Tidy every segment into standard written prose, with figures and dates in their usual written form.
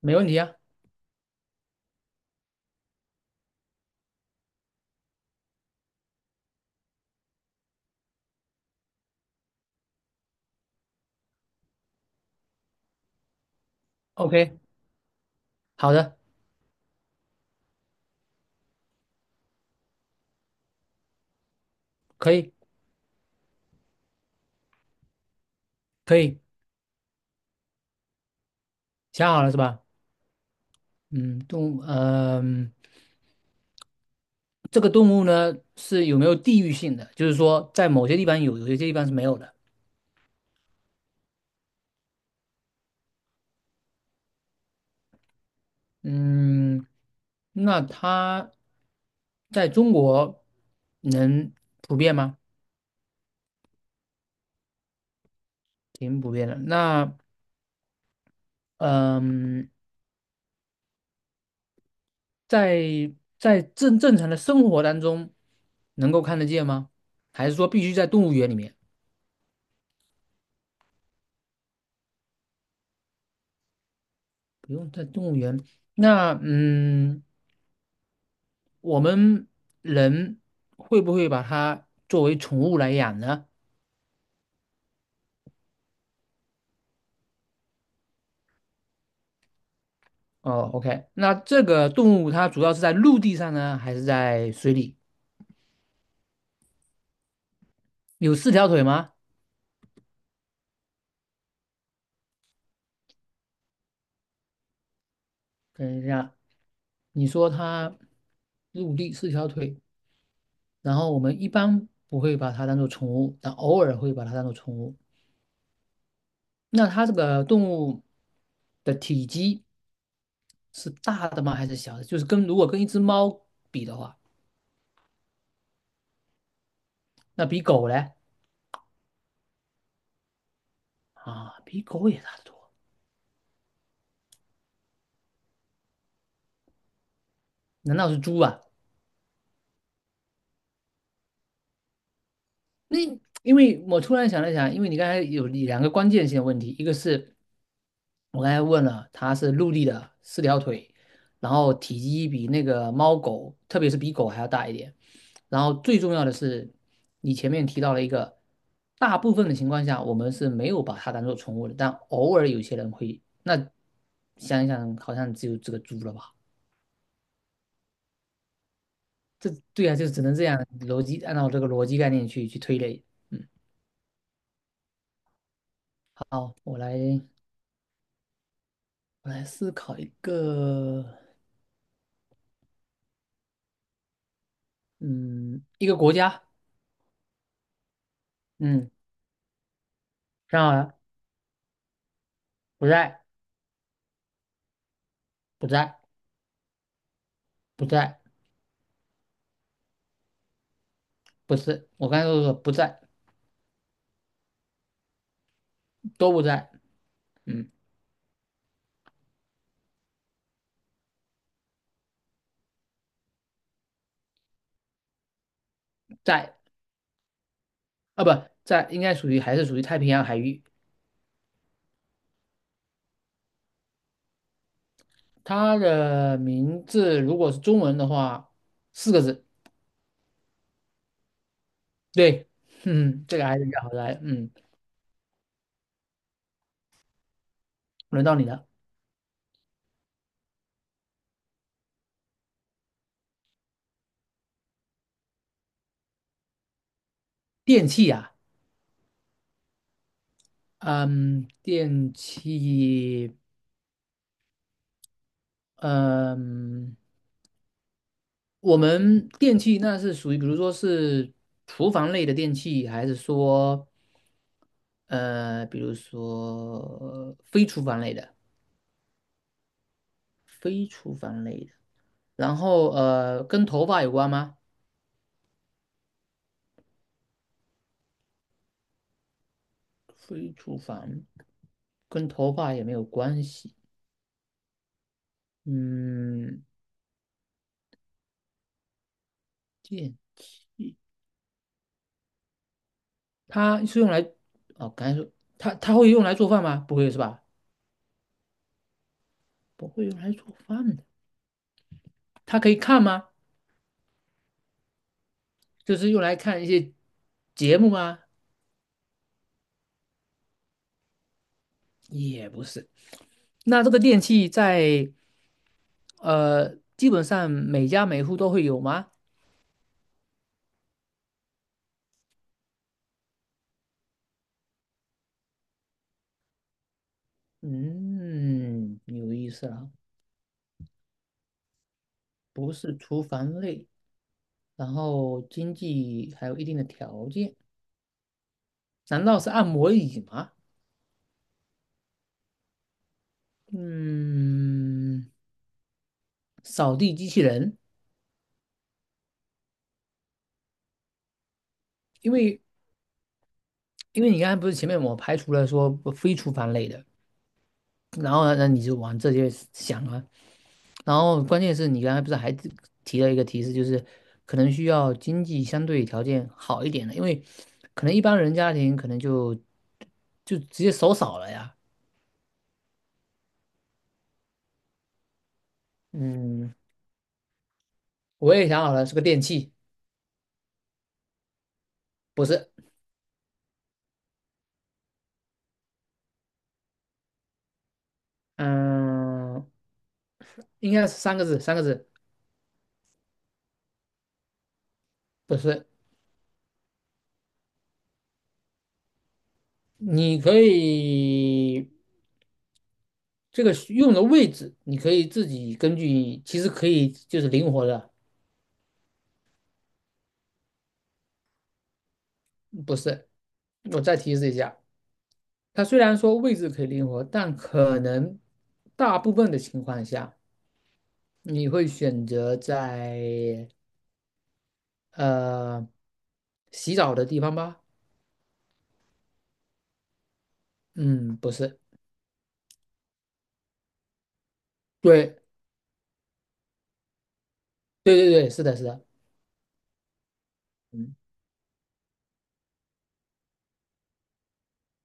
没问题啊。OK，好的，可以，可以，想好了是吧？嗯，动物，这个动物呢是有没有地域性的？就是说，在某些地方有，有些地方是没有的。嗯，那它在中国能普遍吗？挺普遍的。那，嗯、在在正正常的生活当中能够看得见吗？还是说必须在动物园里面？不用在动物园。那嗯，我们人会不会把它作为宠物来养呢？哦，OK，那这个动物它主要是在陆地上呢，还是在水里？有四条腿吗？等一下，你说它陆地四条腿，然后我们一般不会把它当做宠物，但偶尔会把它当做宠物。那它这个动物的体积是大的吗？还是小的？就是跟如果跟一只猫比的话，那比狗嘞啊，比狗也大得多。难道是猪啊？那因为我突然想了想，因为你刚才有两个关键性的问题，一个是我刚才问了，它是陆地的四条腿，然后体积比那个猫狗，特别是比狗还要大一点。然后最重要的是，你前面提到了一个，大部分的情况下我们是没有把它当做宠物的，但偶尔有些人会。那想一想，好像只有这个猪了吧？这对啊，就只能这样逻辑，按照这个逻辑概念去推类。嗯，好，我来。我来思考一个，嗯，一个国家，嗯，想好了，不在，不在，不在，不是，我刚才都说不在，都不在，嗯，在啊，不在，应该属于还是属于太平洋海域。它的名字如果是中文的话，四个字，对，嗯，这个还是比较好来，嗯，轮到你了，电器呀、啊，嗯，电器，嗯。我们电器那是属于，比如说是厨房类的电器，还是说比如说非厨房类的？非厨房类的，然后跟头发有关吗？非厨房跟头发也没有关系。嗯，电，它是用来哦，刚才说它会用来做饭吗？不会是吧？不会用来做饭的。它可以看吗？就是用来看一些节目吗？也不是。那这个电器在基本上每家每户都会有吗？嗯，有意思了，不是厨房类，然后经济还有一定的条件，难道是按摩椅吗？嗯，扫地机器人，因为因为你刚才不是前面我排除了说不非厨房类的，然后呢，那你就往这些想啊。然后关键是你刚才不是还提了一个提示，就是可能需要经济相对条件好一点的，因为可能一般人家庭可能就直接手少了呀。嗯，我也想好了，是个电器，不是，嗯，应该是三个字，三个字，不是。你可以这个需用的位置，你可以自己根据，其实可以就是灵活的，不是。我再提示一下，它虽然说位置可以灵活，但可能大部分的情况下，你会选择在呃洗澡的地方吧？嗯，不是，对对对对，是的，是的，嗯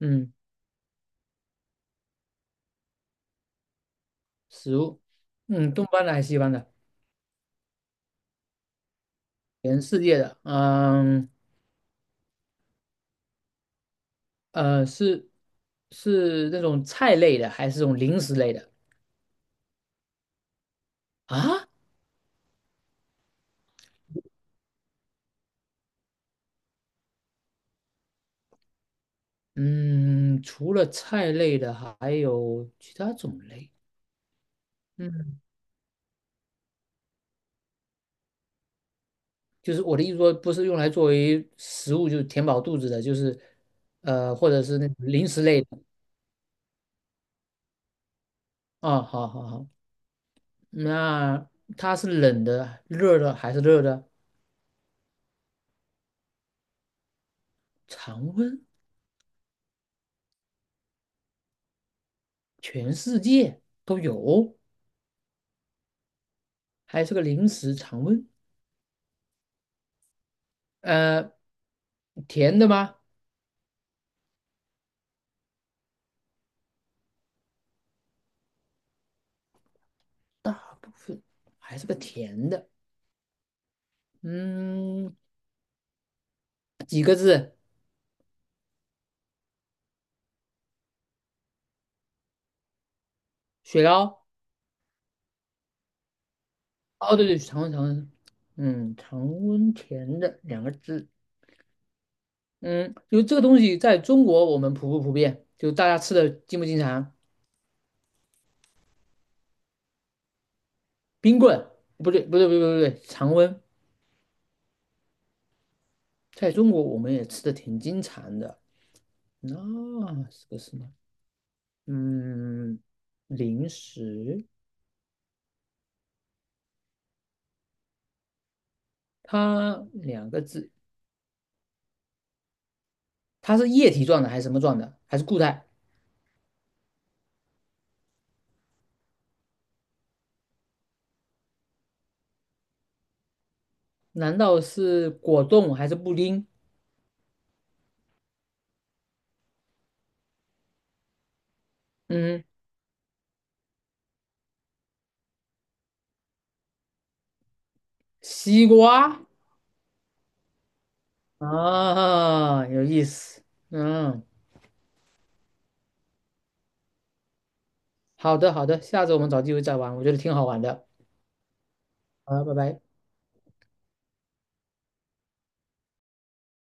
嗯，食物，嗯，东方的还是西方的？全世界的，呃，是是那种菜类的，还是这种零食类的啊？嗯，除了菜类的，还有其他种类。嗯。就是我的意思说，不是用来作为食物，就是填饱肚子的，就是或者是那种零食类的啊。好好好，那它是冷的、热的还是热的？常温，全世界都有，还是个零食常温。呃，甜的吗？大部分还是个甜的。嗯，是雪糕。哦，对对，常温常温，嗯，常温甜的两个字。嗯，就这个东西在中国我们普不普遍？就大家吃的经不经常？冰棍不对，不对，不对，不对，常温，在中国我们也吃的挺经常的。那是个什么？嗯，零食，它两个字，它是液体状的还是什么状的？还是固态？难道是果冻还是布丁？嗯，西瓜啊，有意思。嗯，好的，好的，下次我们找机会再玩，我觉得挺好玩的。好，拜拜。